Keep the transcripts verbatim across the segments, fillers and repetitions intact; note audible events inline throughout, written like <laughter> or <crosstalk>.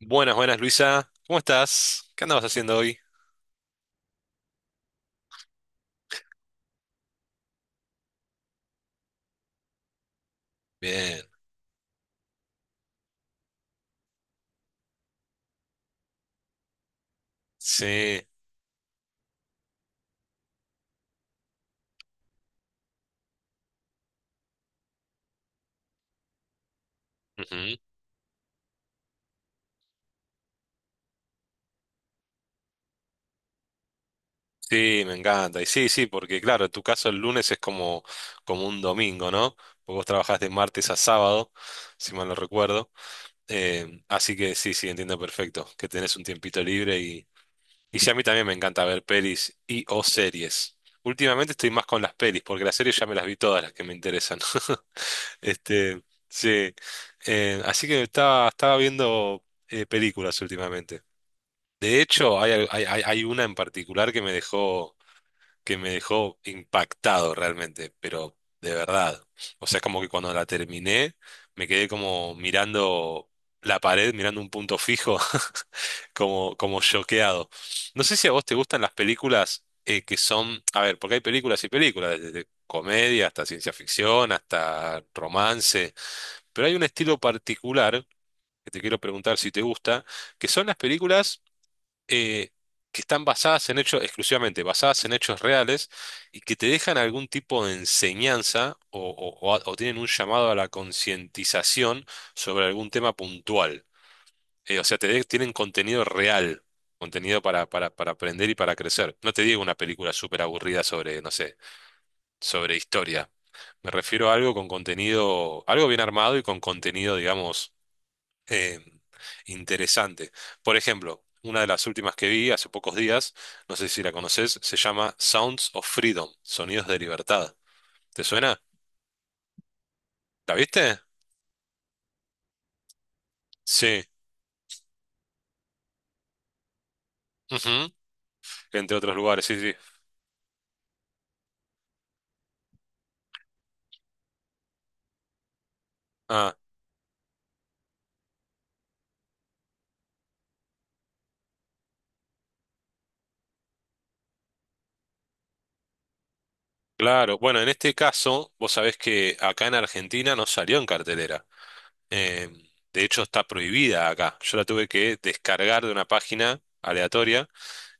Buenas, buenas, Luisa. ¿Cómo estás? ¿Qué andabas haciendo hoy? Bien. Sí. Ujú. Sí, me encanta. Y sí, sí, porque claro, en tu caso el lunes es como, como un domingo, ¿no? Porque vos trabajás de martes a sábado, si mal no recuerdo. Em, así que sí, sí, entiendo perfecto que tenés un tiempito libre y, y sí, a mí también me encanta ver pelis y o series. Últimamente estoy más con las pelis, porque las series ya me las vi todas las que me interesan. <laughs> Este, sí. Eh, así que estaba, estaba viendo eh, películas últimamente. De hecho, hay, al- hay, hay hay una en particular que me dejó, que me dejó impactado realmente, pero de verdad. O sea, como que cuando la terminé, me quedé como mirando la pared, mirando un punto fijo. <laughs> Como, como choqueado. No sé si a vos te gustan las películas eh, que son, a ver, porque hay películas y películas, desde comedia hasta ciencia ficción, hasta romance, pero hay un estilo particular que te quiero preguntar si te gusta, que son las películas eh, que están basadas en hechos, exclusivamente basadas en hechos reales y que te dejan algún tipo de enseñanza o, o o- o tienen un llamado a la concientización sobre algún tema puntual. Eh, o sea, te de- tienen contenido real, contenido para, para, para aprender y para crecer. No te digo una película súper aburrida sobre, no sé, sobre historia. Me refiero a algo con contenido, algo bien armado y con contenido, digamos, eh, interesante. Por ejemplo, una de las últimas que vi hace pocos días, no sé si la conoces, se llama Sounds of Freedom, Sonidos de Libertad. ¿Te suena? ¿La viste? Sí. Ujú. Entre otros lugares, sí, sí. Ah, claro, bueno, en este caso, vos sabés que acá en Argentina no salió en cartelera. Eh, de hecho, está prohibida acá. Yo la tuve que descargar de una página aleatoria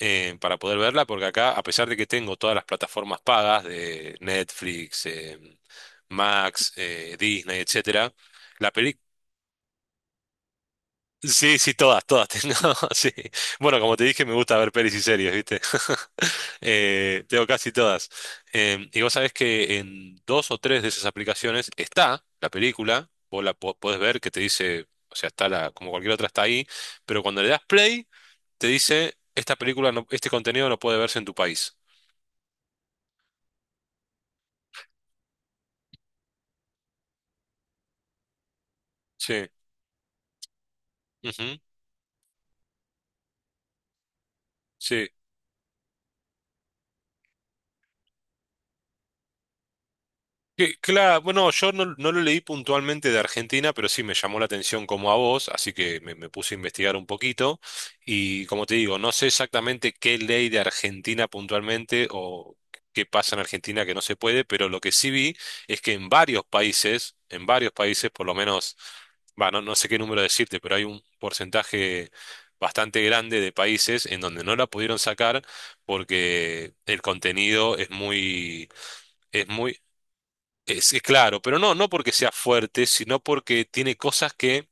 eh, para poder verla, porque acá, a pesar de que tengo todas las plataformas pagas de Netflix, eh, Max, eh, Disney, etcétera, la película sí, sí, todas, todas tengo, <laughs> sí. Bueno, como te dije, me gusta ver pelis y series, ¿viste? <laughs> Eh, tengo casi todas. Em, y vos sabés que en dos o tres de esas aplicaciones está la película, vos la po- podés ver que te dice, o sea, está la, como cualquier otra está ahí, pero cuando le das play, te dice, esta película, no, este contenido no puede verse en tu país. Sí. Ujú, sí, que- Claro, bueno, yo no, no lo leí puntualmente de Argentina, pero sí me llamó la atención como a vos, así que me, me puse a investigar un poquito y como te digo, no sé exactamente qué ley de Argentina puntualmente o qué pasa en Argentina que no se puede, pero lo que sí vi es que en varios países, en varios países, por lo menos, bueno, no no sé qué número decirte, pero hay un porcentaje bastante grande de países en donde no la pudieron sacar porque el contenido es muy es muy es sí, claro, pero no, no porque sea fuerte, sino porque tiene cosas que,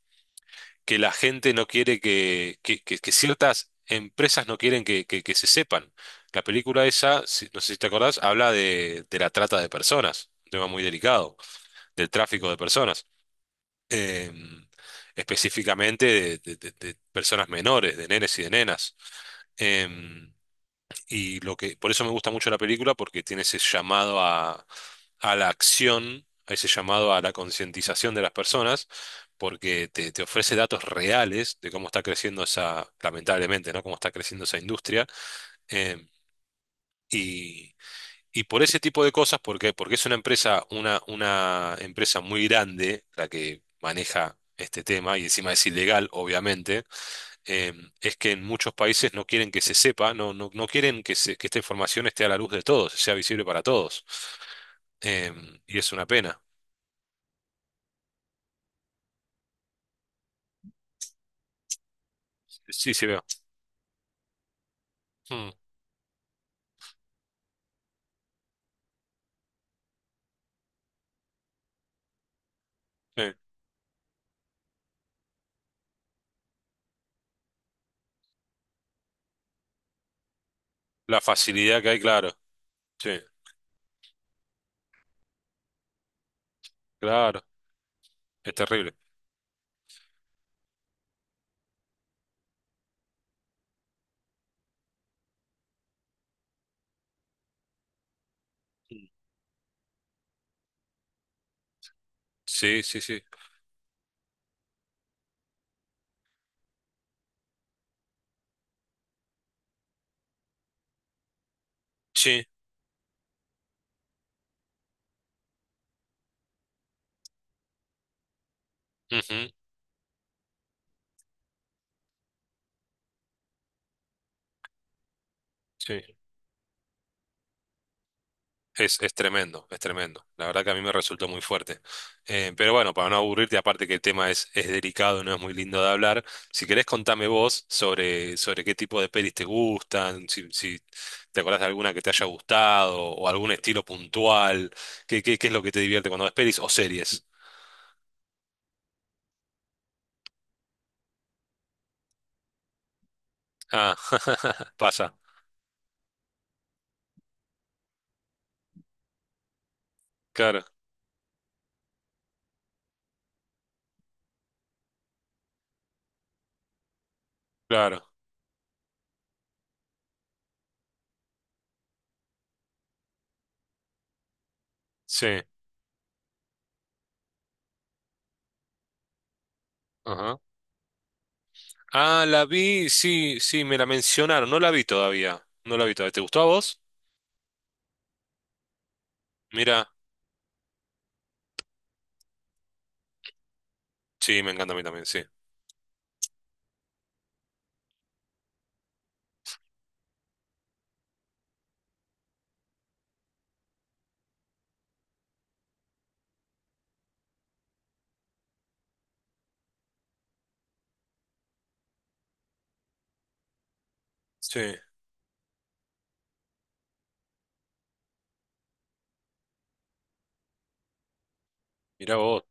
que la gente no quiere que, que, que- que ciertas empresas no quieren que, que- que se sepan. La película esa, si- no sé si te acordás, habla de, de la trata de personas, un tema muy delicado, del tráfico de personas, eh, específicamente de, de- de- de personas menores, de nenes y de nenas. Em, y lo que, por eso me gusta mucho la película, porque tiene ese llamado a, a la acción, a ese llamado a la concientización de las personas, porque te, te ofrece datos reales de cómo está creciendo esa, lamentablemente, ¿no? Cómo está creciendo esa industria. eh, y, y por ese tipo de cosas, ¿por qué? Porque es una empresa, una, una empresa muy grande la que maneja este tema y encima es ilegal, obviamente. eh, es que en muchos países no quieren que se sepa, no, no, no quieren que, se- que esta información esté a la luz de todos, sea visible para todos. Eh, y es una pena. Sí, sí veo. Mm, sí. La facilidad que hay, claro. Sí, claro. Es terrible. Mm. Sí, sí, sí. Sí. Ujú, sí. Es, es tremendo, es tremendo. La verdad que a mí me resultó muy fuerte. Eh, pero bueno, para no aburrirte, aparte que el tema es, es delicado, no es muy lindo de hablar, si querés contame vos sobre, sobre qué tipo de pelis te gustan, si, si te acordás de alguna que te haya gustado o algún estilo puntual, qué, qué, qué es lo que te divierte cuando ves pelis o series. Ah, <laughs> pasa. Claro, claro. Sí. Ajá. Ah, la vi, sí, sí, me la mencionaron, no la vi todavía. No la vi todavía. ¿Te gustó a vos? Mira, sí, me encanta a mí también, sí. Sí, mirá vos,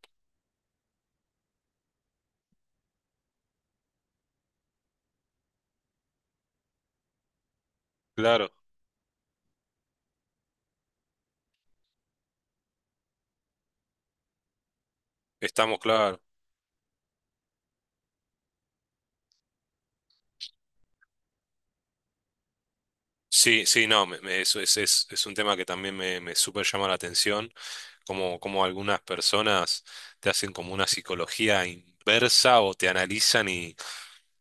claro, estamos claro. Sí, sí, no, me- me- eso es, es, es un tema que también me, me súper llama la atención, como, como algunas personas te hacen como una psicología inversa o te analizan y,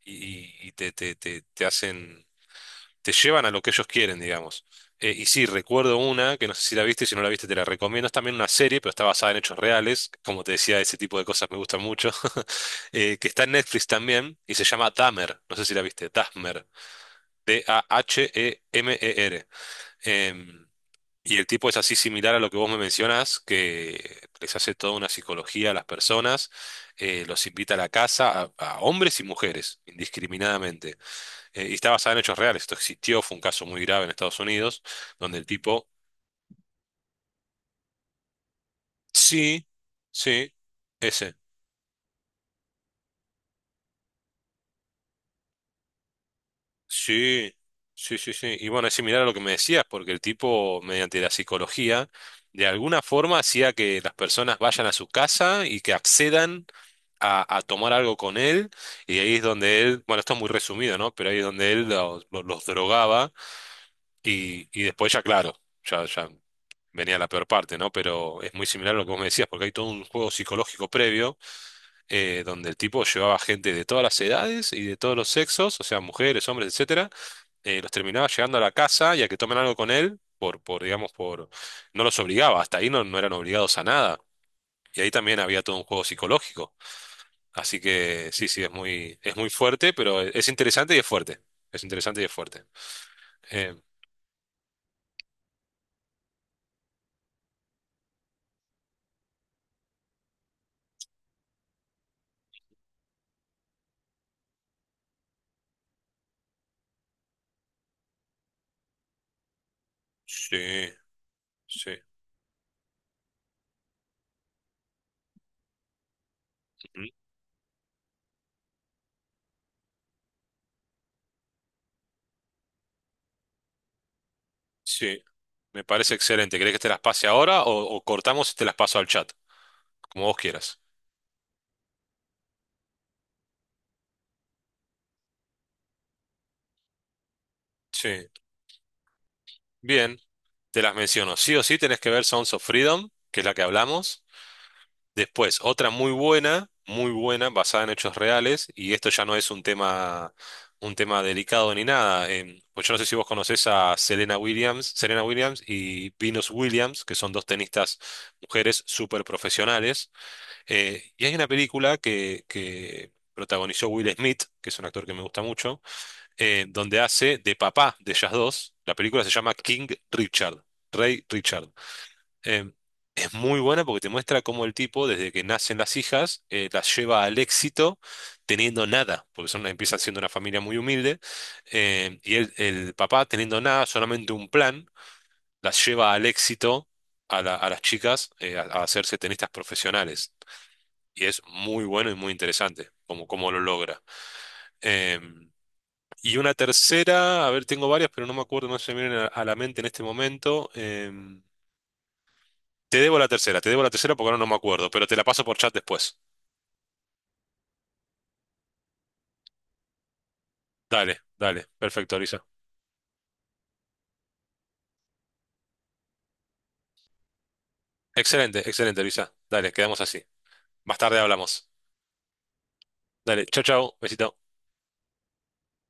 y, y te, te, te, te hacen, te llevan a lo que ellos quieren, digamos. Eh, y sí, recuerdo una, que no sé si la viste, si no la viste te la recomiendo, es también una serie, pero está basada en hechos reales, como te decía, ese tipo de cosas me gustan mucho, <laughs> eh, que está en Netflix también y se llama Dahmer, no sé si la viste, Dahmer. D a h e m e r. Em, y el tipo es así similar a lo que vos me mencionas, que les hace toda una psicología a las personas, eh, los invita a la casa, a, a hombres y mujeres, indiscriminadamente. Eh, y está basado en hechos reales, esto existió, fue un caso muy grave en Estados Unidos, donde el tipo, sí, sí, ese. Sí, sí, sí, sí. Y bueno, es similar a lo que me decías, porque el tipo, mediante la psicología, de alguna forma hacía que las personas vayan a su casa y que accedan a, a tomar algo con él. Y ahí es donde él, bueno, esto es muy resumido, ¿no? Pero ahí es donde él los, los- los drogaba y, y después ya, claro, ya, ya venía la peor parte, ¿no? Pero es muy similar a lo que vos me decías, porque hay todo un juego psicológico previo eh, donde el tipo llevaba gente de todas las edades y de todos los sexos, o sea, mujeres, hombres, etcétera eh, los terminaba llegando a la casa y a que tomen algo con él, por, por, digamos, por, no los obligaba, hasta ahí no, no eran obligados a nada. Y ahí también había todo un juego psicológico. Así que sí, sí, es muy, es muy fuerte, pero es interesante y es fuerte. Es interesante y es fuerte. Eh, sí, sí, ujú, sí, me parece excelente. ¿Querés que te las pase ahora o, o cortamos y te las paso al chat? Como vos quieras. Sí, bien, te las menciono. Sí o sí tenés que ver Sounds of Freedom, que es la que hablamos. Después, otra muy buena, muy buena, basada en hechos reales, y esto ya no es un tema, un tema delicado ni nada. Em, pues yo no sé si vos conocés a Serena Williams, Serena Williams y Venus Williams, que son dos tenistas mujeres súper profesionales. Eh, y hay una película que, que protagonizó Will Smith, que es un actor que me gusta mucho, eh, donde hace de papá de ellas dos. La película se llama King Richard, Rey Richard. em, es muy buena porque te muestra cómo el tipo, desde que nacen las hijas, eh, las lleva al éxito teniendo nada, porque son, empieza siendo una familia muy humilde, em, y el, el papá teniendo nada, solamente un plan, las lleva al éxito a, la- a las chicas eh, a, a hacerse tenistas profesionales. Y es muy bueno y muy interesante cómo, cómo lo logra. Em, y una tercera, a ver, tengo varias, pero no me acuerdo, no se me vienen a, a la mente en este momento. Em, Te debo la tercera, te debo la tercera porque ahora no me acuerdo, pero te la paso por chat después. Dale, dale, perfecto, Luisa. Excelente, excelente, Luisa. Dale, quedamos así. Más tarde hablamos. Dale, chau, chau, besito.